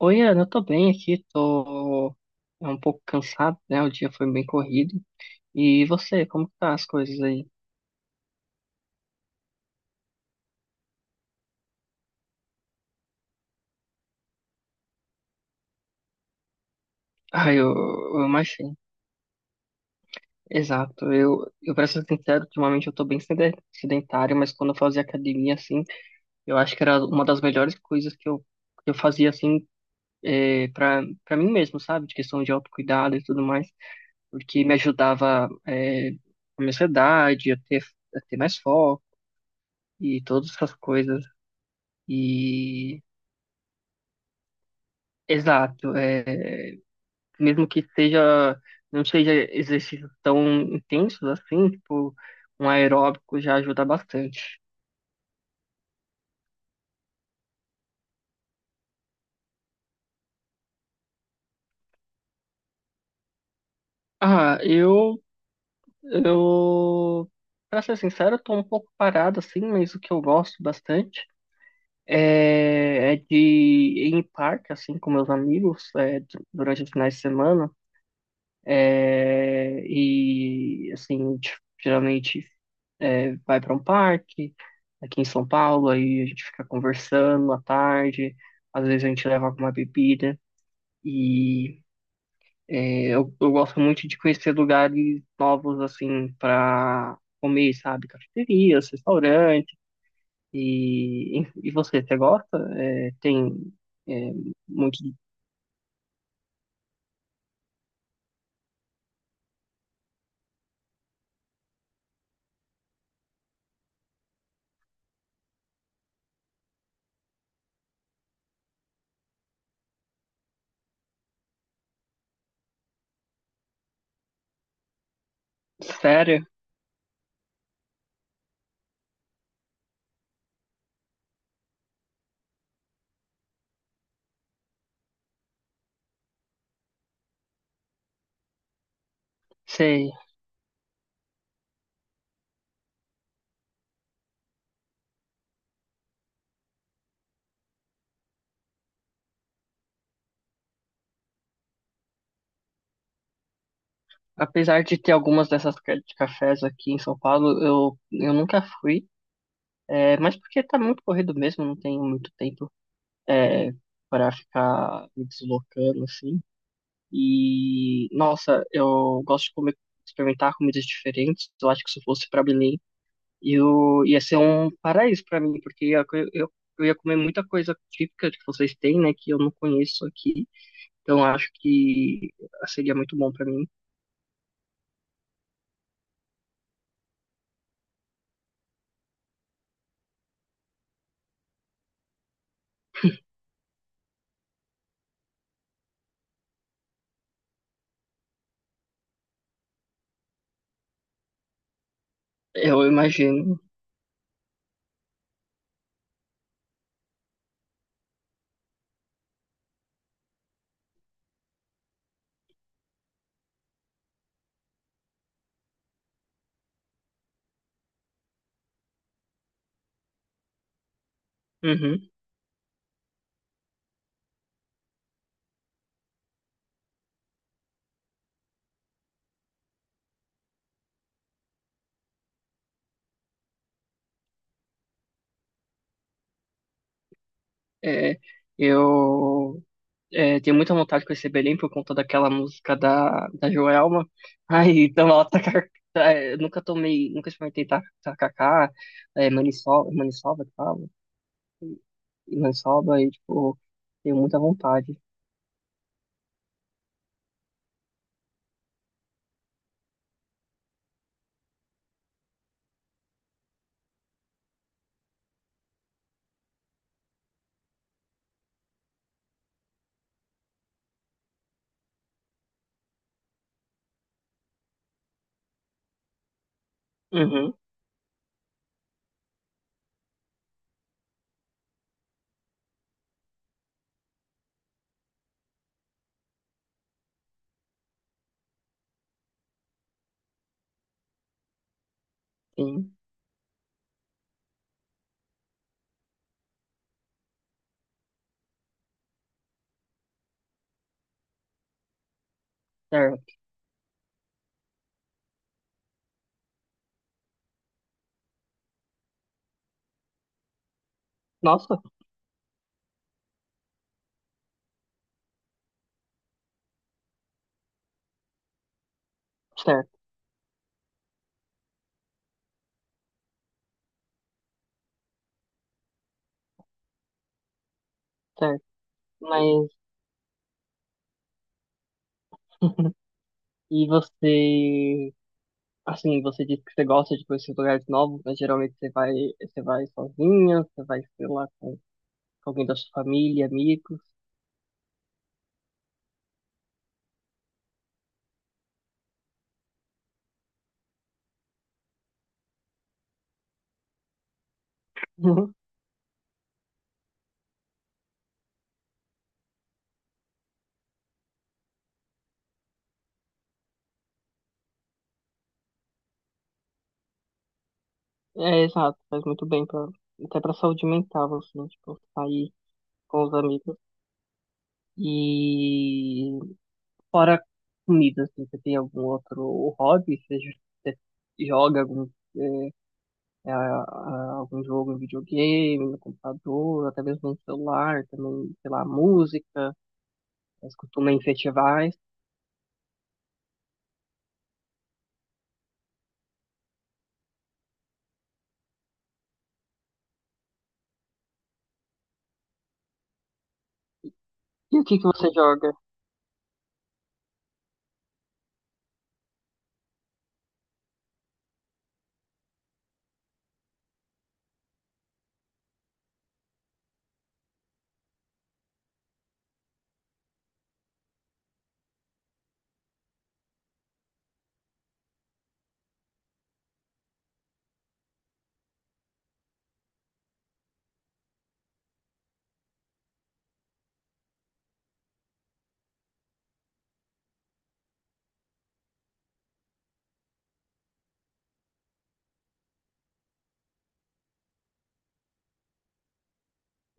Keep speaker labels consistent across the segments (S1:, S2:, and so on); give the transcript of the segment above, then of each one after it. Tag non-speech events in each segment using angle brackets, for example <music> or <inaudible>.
S1: Oi, Ana, eu tô bem aqui, tô é um pouco cansado, né? O dia foi bem corrido. E você, como que tá as coisas aí? Ah, eu imagino. Exato. Eu pra ser sincero, ultimamente eu tô bem sedentário, mas quando eu fazia academia, assim, eu acho que era uma das melhores coisas que eu fazia, assim, pra mim mesmo, sabe? De questão de autocuidado e tudo mais, porque me ajudava, a minha ansiedade, a ter mais foco e todas essas coisas. E. Exato, mesmo que seja, não seja exercícios tão intensos assim, tipo, um aeróbico já ajuda bastante. Ah, eu, pra ser sincero, eu tô um pouco parado assim, mas o que eu gosto bastante é de ir em parque, assim, com meus amigos, durante os finais de semana, e, assim, geralmente vai para um parque aqui em São Paulo, aí a gente fica conversando à tarde, às vezes a gente leva alguma bebida e eu gosto muito de conhecer lugares novos assim para comer, sabe? Cafeterias, restaurantes. E você gosta? É, tem, é, muito sério? Sei. Apesar de ter algumas dessas de cafés aqui em São Paulo, eu nunca fui. É, mas porque tá muito corrido mesmo, não tenho muito tempo é, para ficar me deslocando assim. E, nossa, eu gosto de comer, experimentar comidas diferentes. Eu acho que se eu fosse para Belém, eu ia ser um paraíso para mim, porque ia, eu, eu ia comer muita coisa típica que vocês têm, né, que eu não conheço aqui. Então, eu acho que seria muito bom para mim. Eu imagino. Uhum. É, eu. Tenho muita vontade de conhecer Belém por conta daquela música da Joelma. <laughs> Ai, então ela tacar, nunca tomei, nunca experimentei tacacá, maniçoba, maniçoba que fala, e maniçoba, e tipo, tenho muita vontade. Uhum, sim, certo. Nossa, certo, certo. Mas, <laughs> e você, assim, você disse que você gosta de conhecer lugares novos, mas geralmente você vai sozinha, você vai, sei lá, com, alguém da sua família, amigos. <laughs> É, exato, faz muito bem pra, até pra saúde mental, assim, tipo, sair com os amigos. E fora comida, assim, você tem algum outro hobby? Você joga algum, eh, a- algum jogo no videogame, no computador, até mesmo no celular, também, sei lá, música, você costuma ir em festivais? E o que que você joga?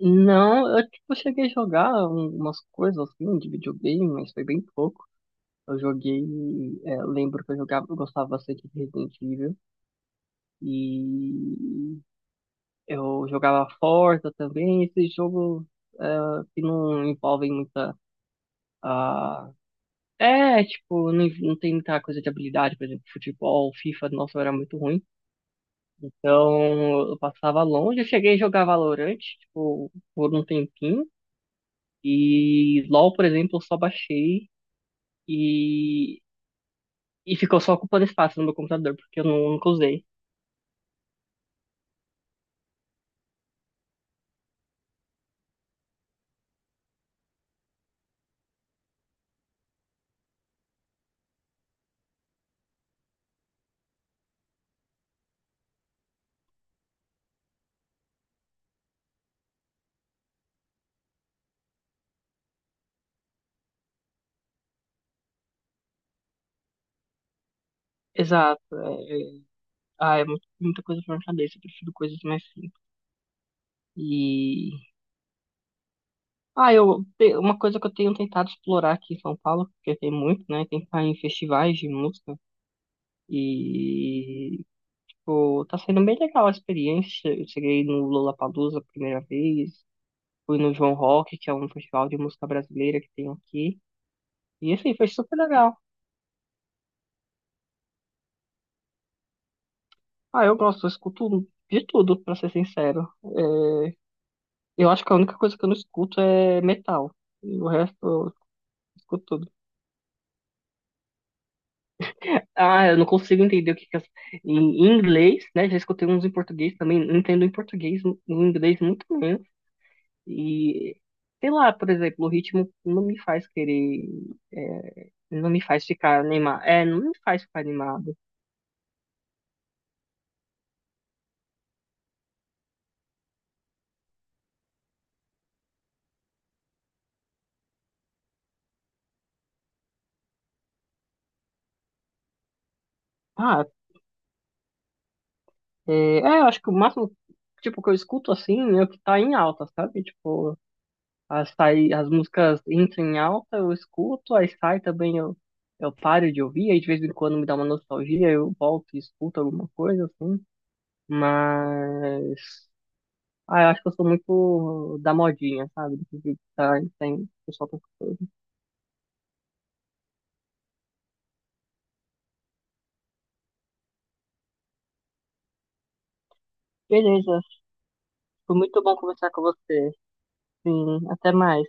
S1: Não, eu, tipo, cheguei a jogar umas coisas, assim, de videogame, mas foi bem pouco. Eu joguei, eu lembro que eu jogava, eu gostava bastante de Resident Evil e eu jogava Forza também, esses jogos, é, que não envolvem muita, ah, tipo, não tem muita coisa de habilidade, por exemplo, futebol, FIFA, nossa, eu era muito ruim. Então, eu passava longe, eu cheguei a jogar Valorant, tipo, por um tempinho e LoL, por exemplo, eu só baixei e, e ficou só ocupando espaço no meu computador, porque eu nunca usei. Exato. É, muita coisa pra minha cabeça. Eu prefiro coisas mais simples. E. Ah, uma coisa que eu tenho tentado explorar aqui em São Paulo, porque tem muito, né? Tentar em festivais de música. E, tipo, tá sendo bem legal a experiência. Eu cheguei no Lollapalooza a primeira vez. Fui no João Rock, que é um festival de música brasileira que tem aqui. E, assim, foi super legal. Ah, eu gosto, eu escuto de tudo, pra ser sincero. É, eu acho que a única coisa que eu não escuto é metal. E o resto eu escuto tudo. Ah, eu não consigo entender o que que as... Em em inglês, né? Já escutei uns em português também. Não entendo em português, em inglês muito menos. E, sei lá, por exemplo, o ritmo não me faz querer... não me faz ficar animado. É, não me faz ficar animado. Ah, é, eu acho que o máximo, tipo, que eu escuto assim é o que tá em alta, sabe? Tipo... As, sai, as músicas entram em alta, eu escuto, aí sai também, eu paro de ouvir, aí de vez em quando me dá uma nostalgia, eu volto e escuto alguma coisa, assim. Mas. Ah, eu acho que eu sou muito da modinha, sabe? Do que tá, tem, o pessoal tá escutando. Beleza, foi muito bom conversar com você. Sim, até mais.